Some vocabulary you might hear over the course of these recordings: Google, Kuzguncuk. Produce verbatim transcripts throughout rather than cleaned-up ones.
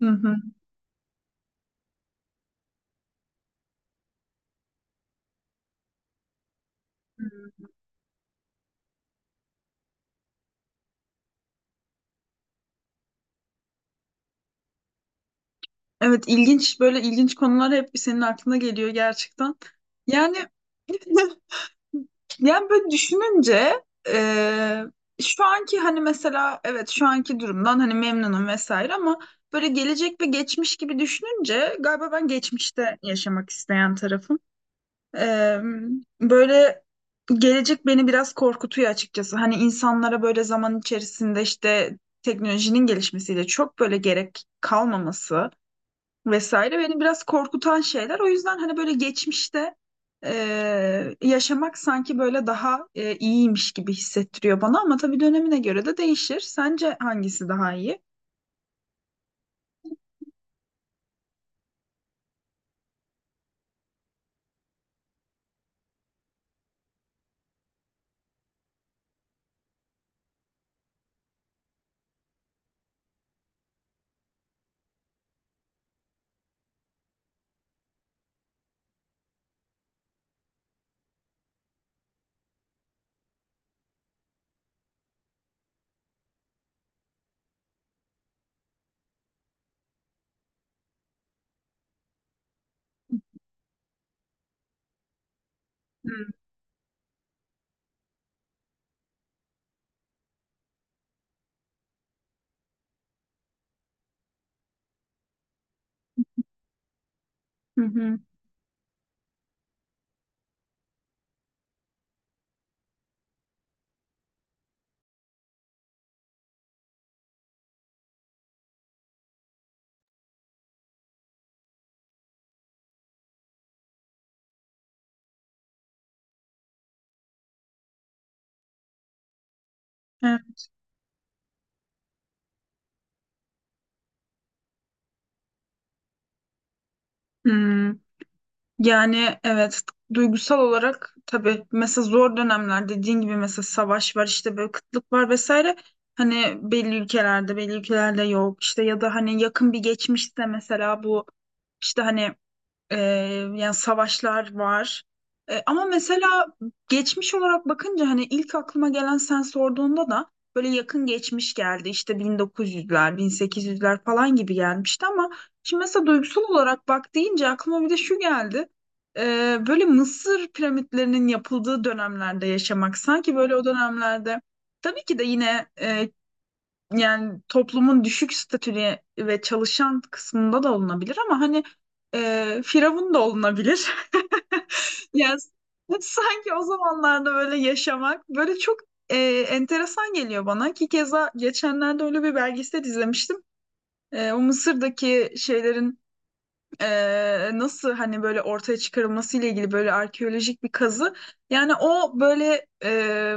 Hı hı. Evet, ilginç, böyle ilginç konular hep senin aklına geliyor gerçekten. Yani yani böyle düşününce e, şu anki hani mesela evet şu anki durumdan hani memnunum vesaire ama böyle gelecek ve geçmiş gibi düşününce galiba ben geçmişte yaşamak isteyen tarafım. E, Böyle gelecek beni biraz korkutuyor açıkçası. Hani insanlara böyle zaman içerisinde işte teknolojinin gelişmesiyle çok böyle gerek kalmaması vesaire beni biraz korkutan şeyler. O yüzden hani böyle geçmişte e, yaşamak sanki böyle daha e, iyiymiş gibi hissettiriyor bana ama tabii dönemine göre de değişir. Sence hangisi daha iyi? Hmm. Hı hı. Evet. Hmm. Yani evet, duygusal olarak tabii mesela zor dönemler dediğin gibi, mesela savaş var, işte böyle kıtlık var vesaire, hani belli ülkelerde belli ülkelerde yok işte, ya da hani yakın bir geçmişte mesela bu işte hani ee, yani savaşlar var. Ee, ama mesela geçmiş olarak bakınca hani ilk aklıma gelen, sen sorduğunda da böyle yakın geçmiş geldi. İşte bin dokuz yüzler, bin sekiz yüzler falan gibi gelmişti ama şimdi mesela duygusal olarak bak deyince aklıma bir de şu geldi. Ee, böyle Mısır piramitlerinin yapıldığı dönemlerde yaşamak, sanki böyle o dönemlerde tabii ki de yine e, yani toplumun düşük statülü ve çalışan kısmında da olunabilir ama hani e, firavun da olunabilir. Yani sanki o zamanlarda böyle yaşamak böyle çok e, enteresan geliyor bana ki keza geçenlerde öyle bir belgesel izlemiştim. E, o Mısır'daki şeylerin e, nasıl hani böyle ortaya çıkarılması ile ilgili böyle arkeolojik bir kazı. Yani o böyle e,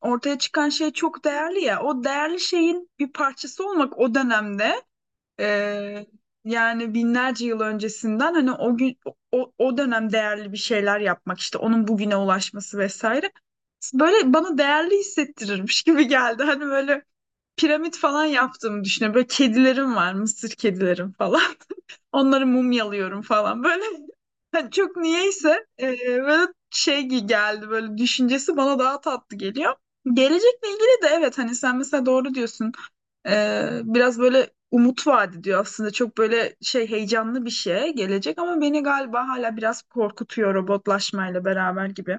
ortaya çıkan şey çok değerli ya. O değerli şeyin bir parçası olmak, o dönemde e, yani binlerce yıl öncesinden hani o gün o, o dönem değerli bir şeyler yapmak, işte onun bugüne ulaşması vesaire. Böyle bana değerli hissettirirmiş gibi geldi. Hani böyle piramit falan yaptığımı düşünüyorum. Böyle kedilerim var, mısır kedilerim falan. Onları mumyalıyorum falan. Böyle hani çok niyeyse e, böyle şey gi- geldi, böyle düşüncesi bana daha tatlı geliyor. Gelecekle ilgili de evet hani sen mesela doğru diyorsun. E, biraz böyle umut vaat ediyor aslında. Çok böyle şey, heyecanlı bir şey gelecek ama beni galiba hala biraz korkutuyor, robotlaşmayla beraber gibi.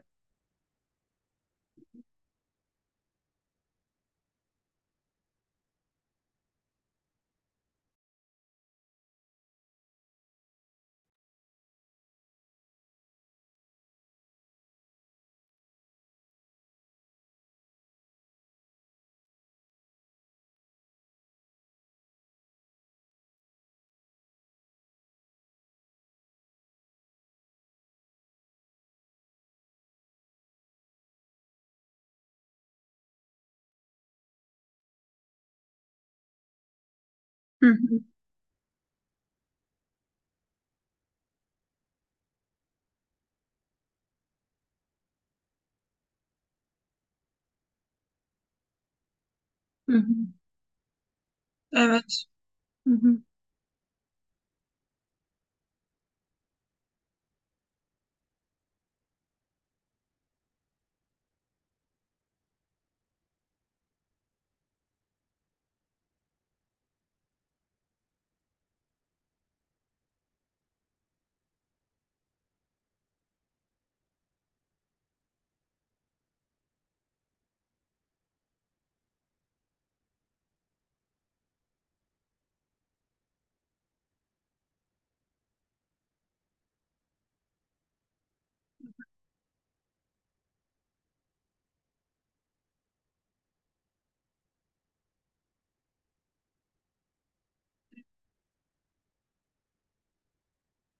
Hı hı, hı hı. Evet. Hı hı,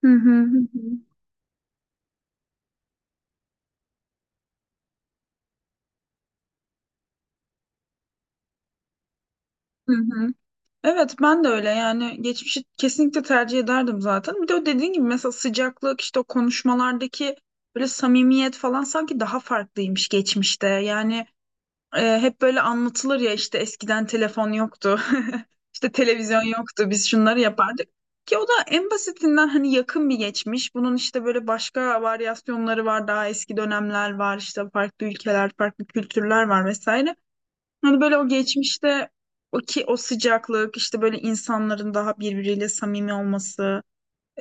hı hı, hı hı, hı hı. Evet, ben de öyle yani, geçmişi kesinlikle tercih ederdim zaten. Bir de o dediğin gibi mesela sıcaklık, işte o konuşmalardaki böyle samimiyet falan sanki daha farklıymış geçmişte. Yani e, hep böyle anlatılır ya, işte eskiden telefon yoktu, işte televizyon yoktu, biz şunları yapardık. Ki o da en basitinden hani yakın bir geçmiş. Bunun işte böyle başka varyasyonları var, daha eski dönemler var, işte farklı ülkeler, farklı kültürler var vesaire. Hani böyle o geçmişte o ki o sıcaklık, işte böyle insanların daha birbiriyle samimi olması,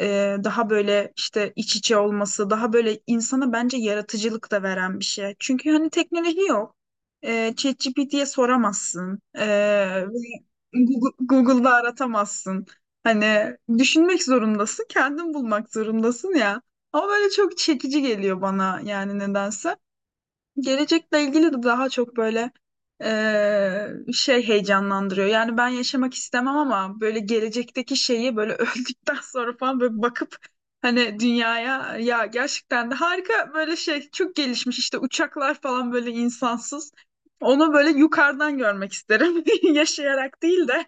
e, daha böyle işte iç içe olması, daha böyle insana bence yaratıcılık da veren bir şey. Çünkü hani teknoloji yok. E, ChatGPT'ye soramazsın. E, ve Google- Google'da aratamazsın. Hani düşünmek zorundasın, kendin bulmak zorundasın ya. Ama böyle çok çekici geliyor bana yani nedense. Gelecekle ilgili de daha çok böyle eee, şey heyecanlandırıyor. Yani ben yaşamak istemem ama böyle gelecekteki şeyi böyle öldükten sonra falan böyle bakıp hani dünyaya, ya gerçekten de harika, böyle şey çok gelişmiş, işte uçaklar falan böyle insansız. Onu böyle yukarıdan görmek isterim. Yaşayarak değil de.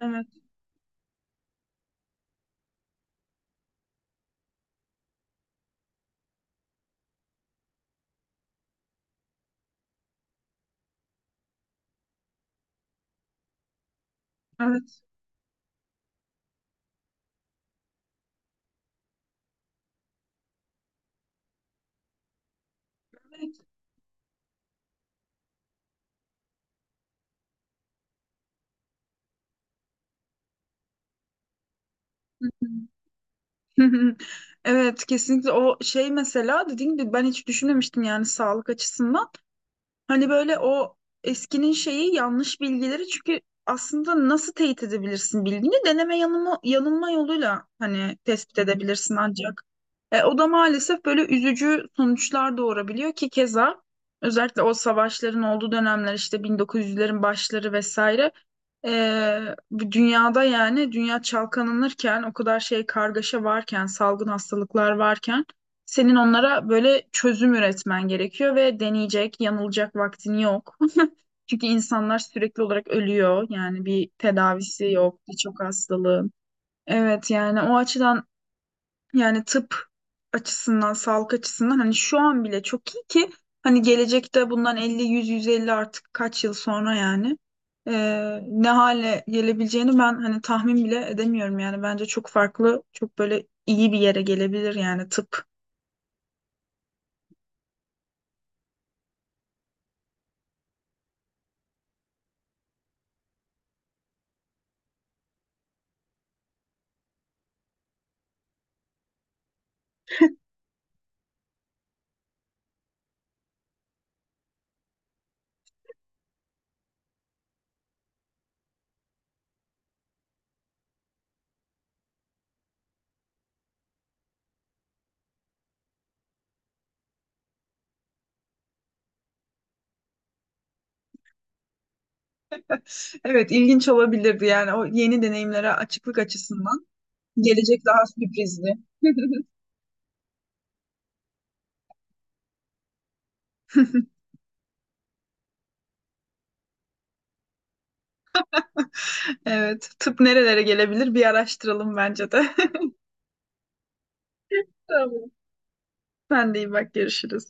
Evet, evet. Hı hı. Evet, kesinlikle o şey, mesela dediğim gibi ben hiç düşünmemiştim yani sağlık açısından. Hani böyle o eskinin şeyi, yanlış bilgileri, çünkü aslında nasıl teyit edebilirsin bilgini? Deneme yanılma, yanılma yoluyla hani tespit edebilirsin ancak. E, o da maalesef böyle üzücü sonuçlar doğurabiliyor ki keza özellikle o savaşların olduğu dönemler, işte bin dokuz yüzlerin başları vesaire, ee, bu dünyada yani dünya çalkalanırken, o kadar şey kargaşa varken, salgın hastalıklar varken senin onlara böyle çözüm üretmen gerekiyor ve deneyecek yanılacak vaktin yok. Çünkü insanlar sürekli olarak ölüyor, yani bir tedavisi yok birçok hastalığın. Evet, yani o açıdan, yani tıp açısından, sağlık açısından hani şu an bile çok iyi ki hani gelecekte bundan elli, yüz, yüz elli artık kaç yıl sonra yani eee, ne hale gelebileceğini ben hani tahmin bile edemiyorum, yani bence çok farklı, çok böyle iyi bir yere gelebilir yani tıp. Evet, ilginç olabilirdi yani o yeni deneyimlere açıklık açısından. Gelecek daha sürprizli. Evet, tıp nerelere gelebilir bir araştıralım bence de. Tamam. Sen de iyi bak, görüşürüz.